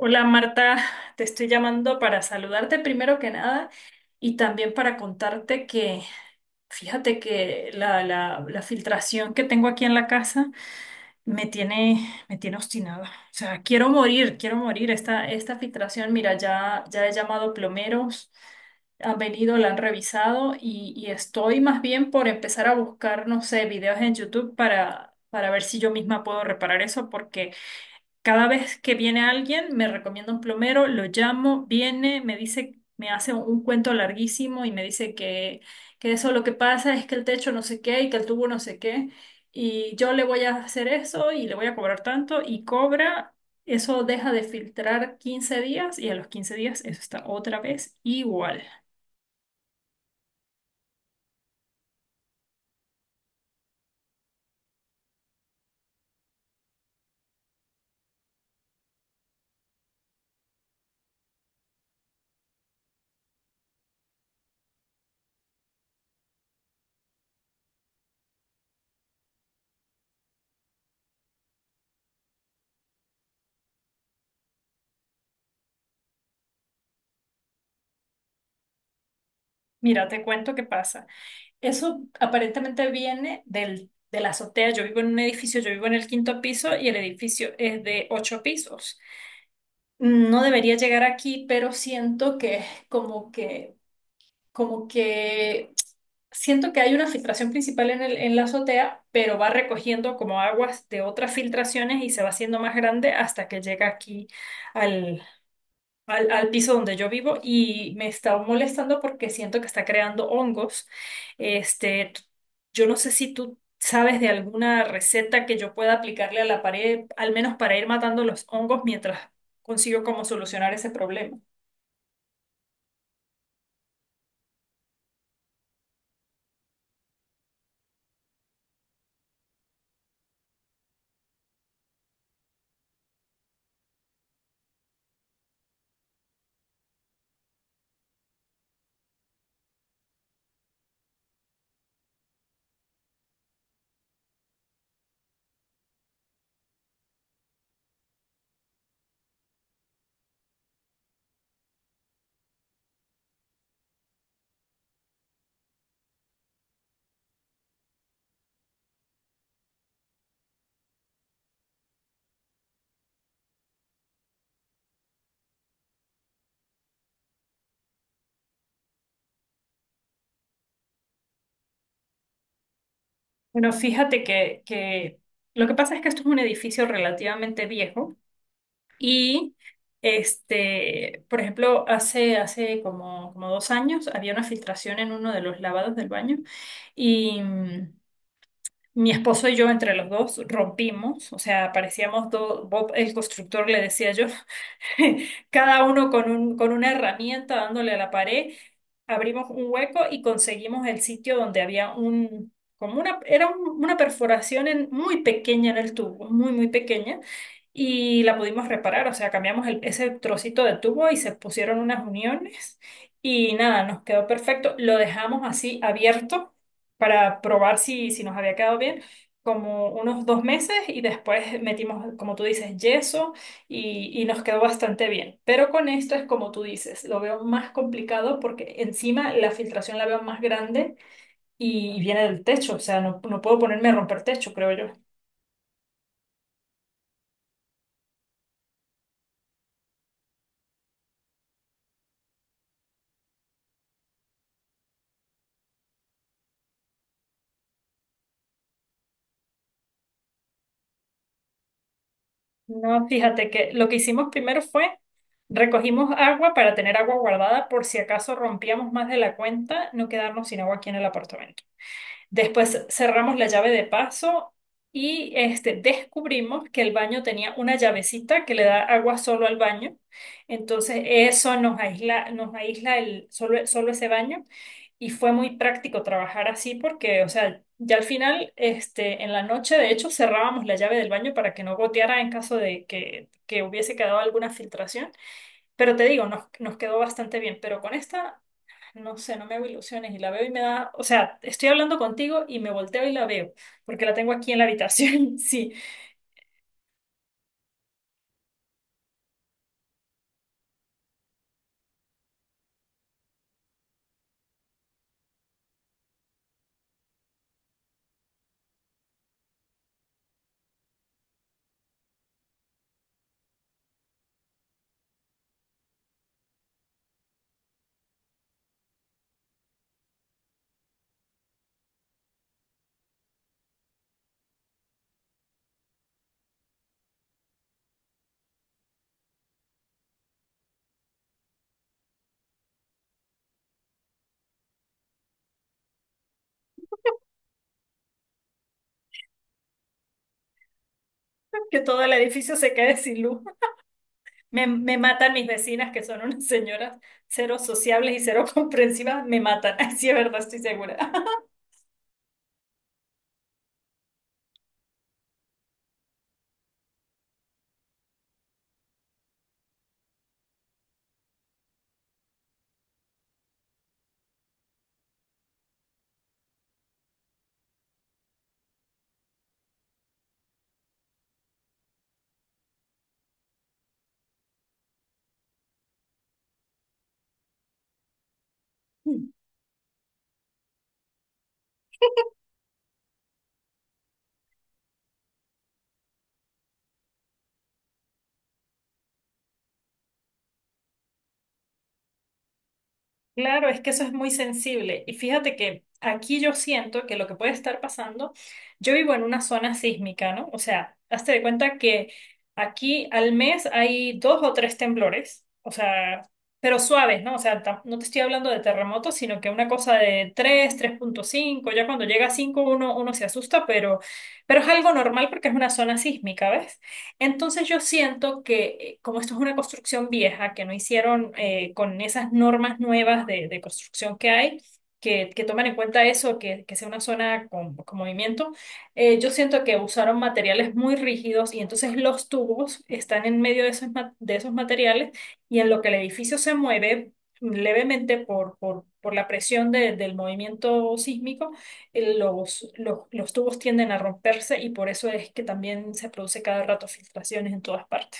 Hola, Marta, te estoy llamando para saludarte primero que nada y también para contarte que, fíjate que la filtración que tengo aquí en la casa me tiene, me tiene obstinada. O sea, quiero morir, quiero morir. Esta filtración, mira, ya he llamado plomeros, han venido, la han revisado y estoy más bien por empezar a buscar, no sé, videos en YouTube para ver si yo misma puedo reparar eso porque... Cada vez que viene alguien, me recomienda un plomero, lo llamo, viene, me dice, me hace un cuento larguísimo y me dice que eso lo que pasa es que el techo no sé qué y que el tubo no sé qué. Y yo le voy a hacer eso y le voy a cobrar tanto y cobra. Eso deja de filtrar 15 días y a los 15 días eso está otra vez igual. Mira, te cuento qué pasa. Eso aparentemente viene de la azotea. Yo vivo en un edificio, yo vivo en el quinto piso y el edificio es de ocho pisos. No debería llegar aquí, pero siento que como que, como que siento que hay una filtración principal en en la azotea, pero va recogiendo como aguas de otras filtraciones y se va haciendo más grande hasta que llega aquí al piso donde yo vivo y me está molestando porque siento que está creando hongos. Este, t- yo no sé si tú sabes de alguna receta que yo pueda aplicarle a la pared, al menos para ir matando los hongos mientras consigo cómo solucionar ese problema. Bueno, fíjate que lo que pasa es que esto es un edificio relativamente viejo y por ejemplo, como dos años había una filtración en uno de los lavados del baño y, mi esposo y yo entre los dos rompimos, o sea, parecíamos dos, Bob el constructor le decía yo, cada uno con una herramienta dándole a la pared, abrimos un hueco y conseguimos el sitio donde había un, como una, era una perforación muy pequeña en el tubo, muy pequeña, y la pudimos reparar, o sea, cambiamos ese trocito de tubo y se pusieron unas uniones y nada, nos quedó perfecto, lo dejamos así abierto para probar si nos había quedado bien. Como unos dos meses y después metimos, como tú dices, yeso y nos quedó bastante bien. Pero con esto es como tú dices, lo veo más complicado porque encima la filtración la veo más grande y viene del techo, o sea, no puedo ponerme a romper techo, creo yo. No, fíjate que lo que hicimos primero fue recogimos agua para tener agua guardada por si acaso rompíamos más de la cuenta, no quedarnos sin agua aquí en el apartamento. Después cerramos la llave de paso y este, descubrimos que el baño tenía una llavecita que le da agua solo al baño. Entonces eso nos aísla el, solo, solo ese baño y fue muy práctico trabajar así porque, o sea, ya al final, este, en la noche, de hecho, cerrábamos la llave del baño para que no goteara en caso de que hubiese quedado alguna filtración. Pero te digo, nos quedó bastante bien. Pero con esta no sé, no me hago ilusiones y la veo y me da, o sea, estoy hablando contigo y me volteo y la veo, porque la tengo aquí en la habitación, sí, que todo el edificio se quede sin luz. Me matan mis vecinas, que son unas señoras cero sociables y cero comprensivas, me matan, sí es verdad, estoy segura. Claro, es que eso es muy sensible. Y fíjate que aquí yo siento que lo que puede estar pasando, yo vivo en una zona sísmica, ¿no? O sea, hazte de cuenta que aquí al mes hay dos o tres temblores, o sea, pero suaves, ¿no? O sea, no te estoy hablando de terremotos, sino que una cosa de tres, 3.5. Ya cuando llega a 5 uno, uno se asusta, pero es algo normal porque es una zona sísmica, ¿ves? Entonces yo siento que como esto es una construcción vieja, que no hicieron con esas normas nuevas de construcción que hay, que toman en cuenta eso, que sea una zona con movimiento, yo siento que usaron materiales muy rígidos y entonces los tubos están en medio de esos, de esos materiales y en lo que el edificio se mueve levemente por la presión del movimiento sísmico, los tubos tienden a romperse y por eso es que también se produce cada rato filtraciones en todas partes.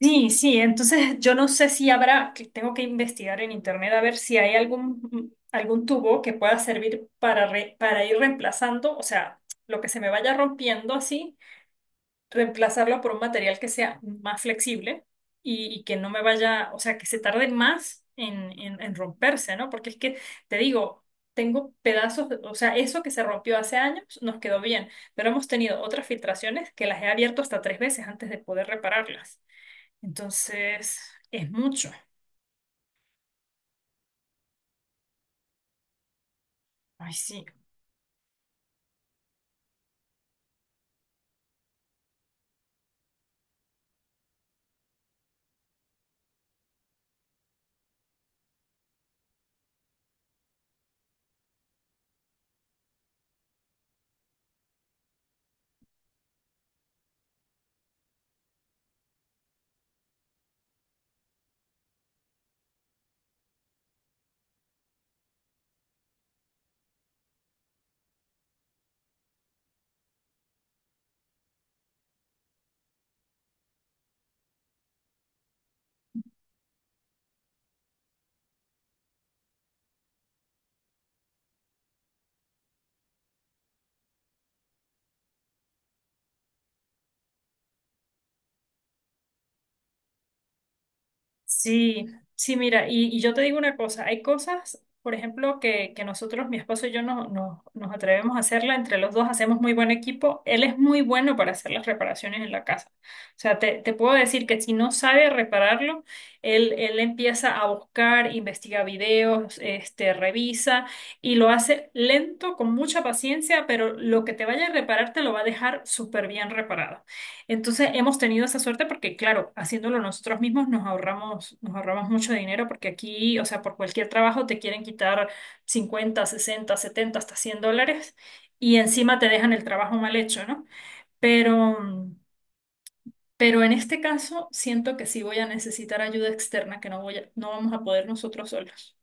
Sí, sí, entonces yo no sé si habrá, que tengo que investigar en internet a ver si hay algún, algún tubo que pueda servir para, para ir reemplazando, o sea, lo que se me vaya rompiendo así reemplazarlo por un material que sea más flexible y que no me vaya, o sea, que se tarde más en romperse, ¿no? Porque es que, te digo, tengo pedazos, o sea, eso que se rompió hace años nos quedó bien, pero hemos tenido otras filtraciones que las he abierto hasta tres veces antes de poder repararlas. Entonces, es mucho. Ay, sí. Sí, sí, mira, y yo te digo una cosa, hay cosas, por ejemplo, que nosotros, mi esposo y yo, nos atrevemos a hacerla, entre los dos hacemos muy buen equipo, él es muy bueno para hacer las reparaciones en la casa. O sea, te puedo decir que si no sabe repararlo, él empieza a buscar, investiga videos, este, revisa y lo hace lento, con mucha paciencia, pero lo que te vaya a reparar te lo va a dejar súper bien reparado. Entonces hemos tenido esa suerte porque, claro, haciéndolo nosotros mismos nos ahorramos mucho dinero porque aquí, o sea, por cualquier trabajo te quieren quitar 50, 60, 70, hasta $100 y encima te dejan el trabajo mal hecho, ¿no? Pero, mm, pero en este caso siento que sí voy a necesitar ayuda externa, que no vamos a poder nosotros solos.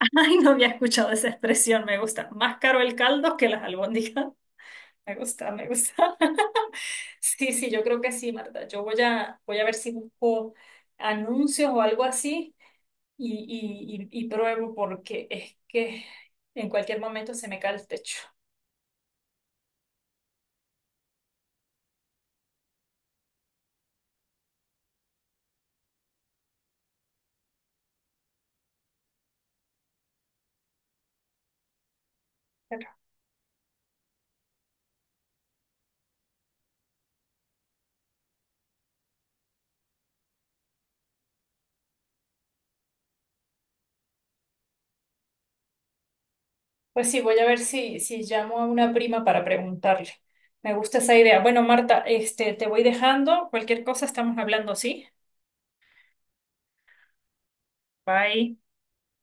Ay, no había escuchado esa expresión, me gusta. Más caro el caldo que las albóndigas. Me gusta, me gusta. Sí, sí, yo creo que sí, Marta. Yo voy a, voy a ver si busco anuncios o algo así y pruebo porque es que en cualquier momento se me cae el techo. Pero, pues sí, voy a ver si llamo a una prima para preguntarle. Me gusta esa idea. Bueno, Marta, este, te voy dejando. Cualquier cosa estamos hablando, ¿sí? Bye.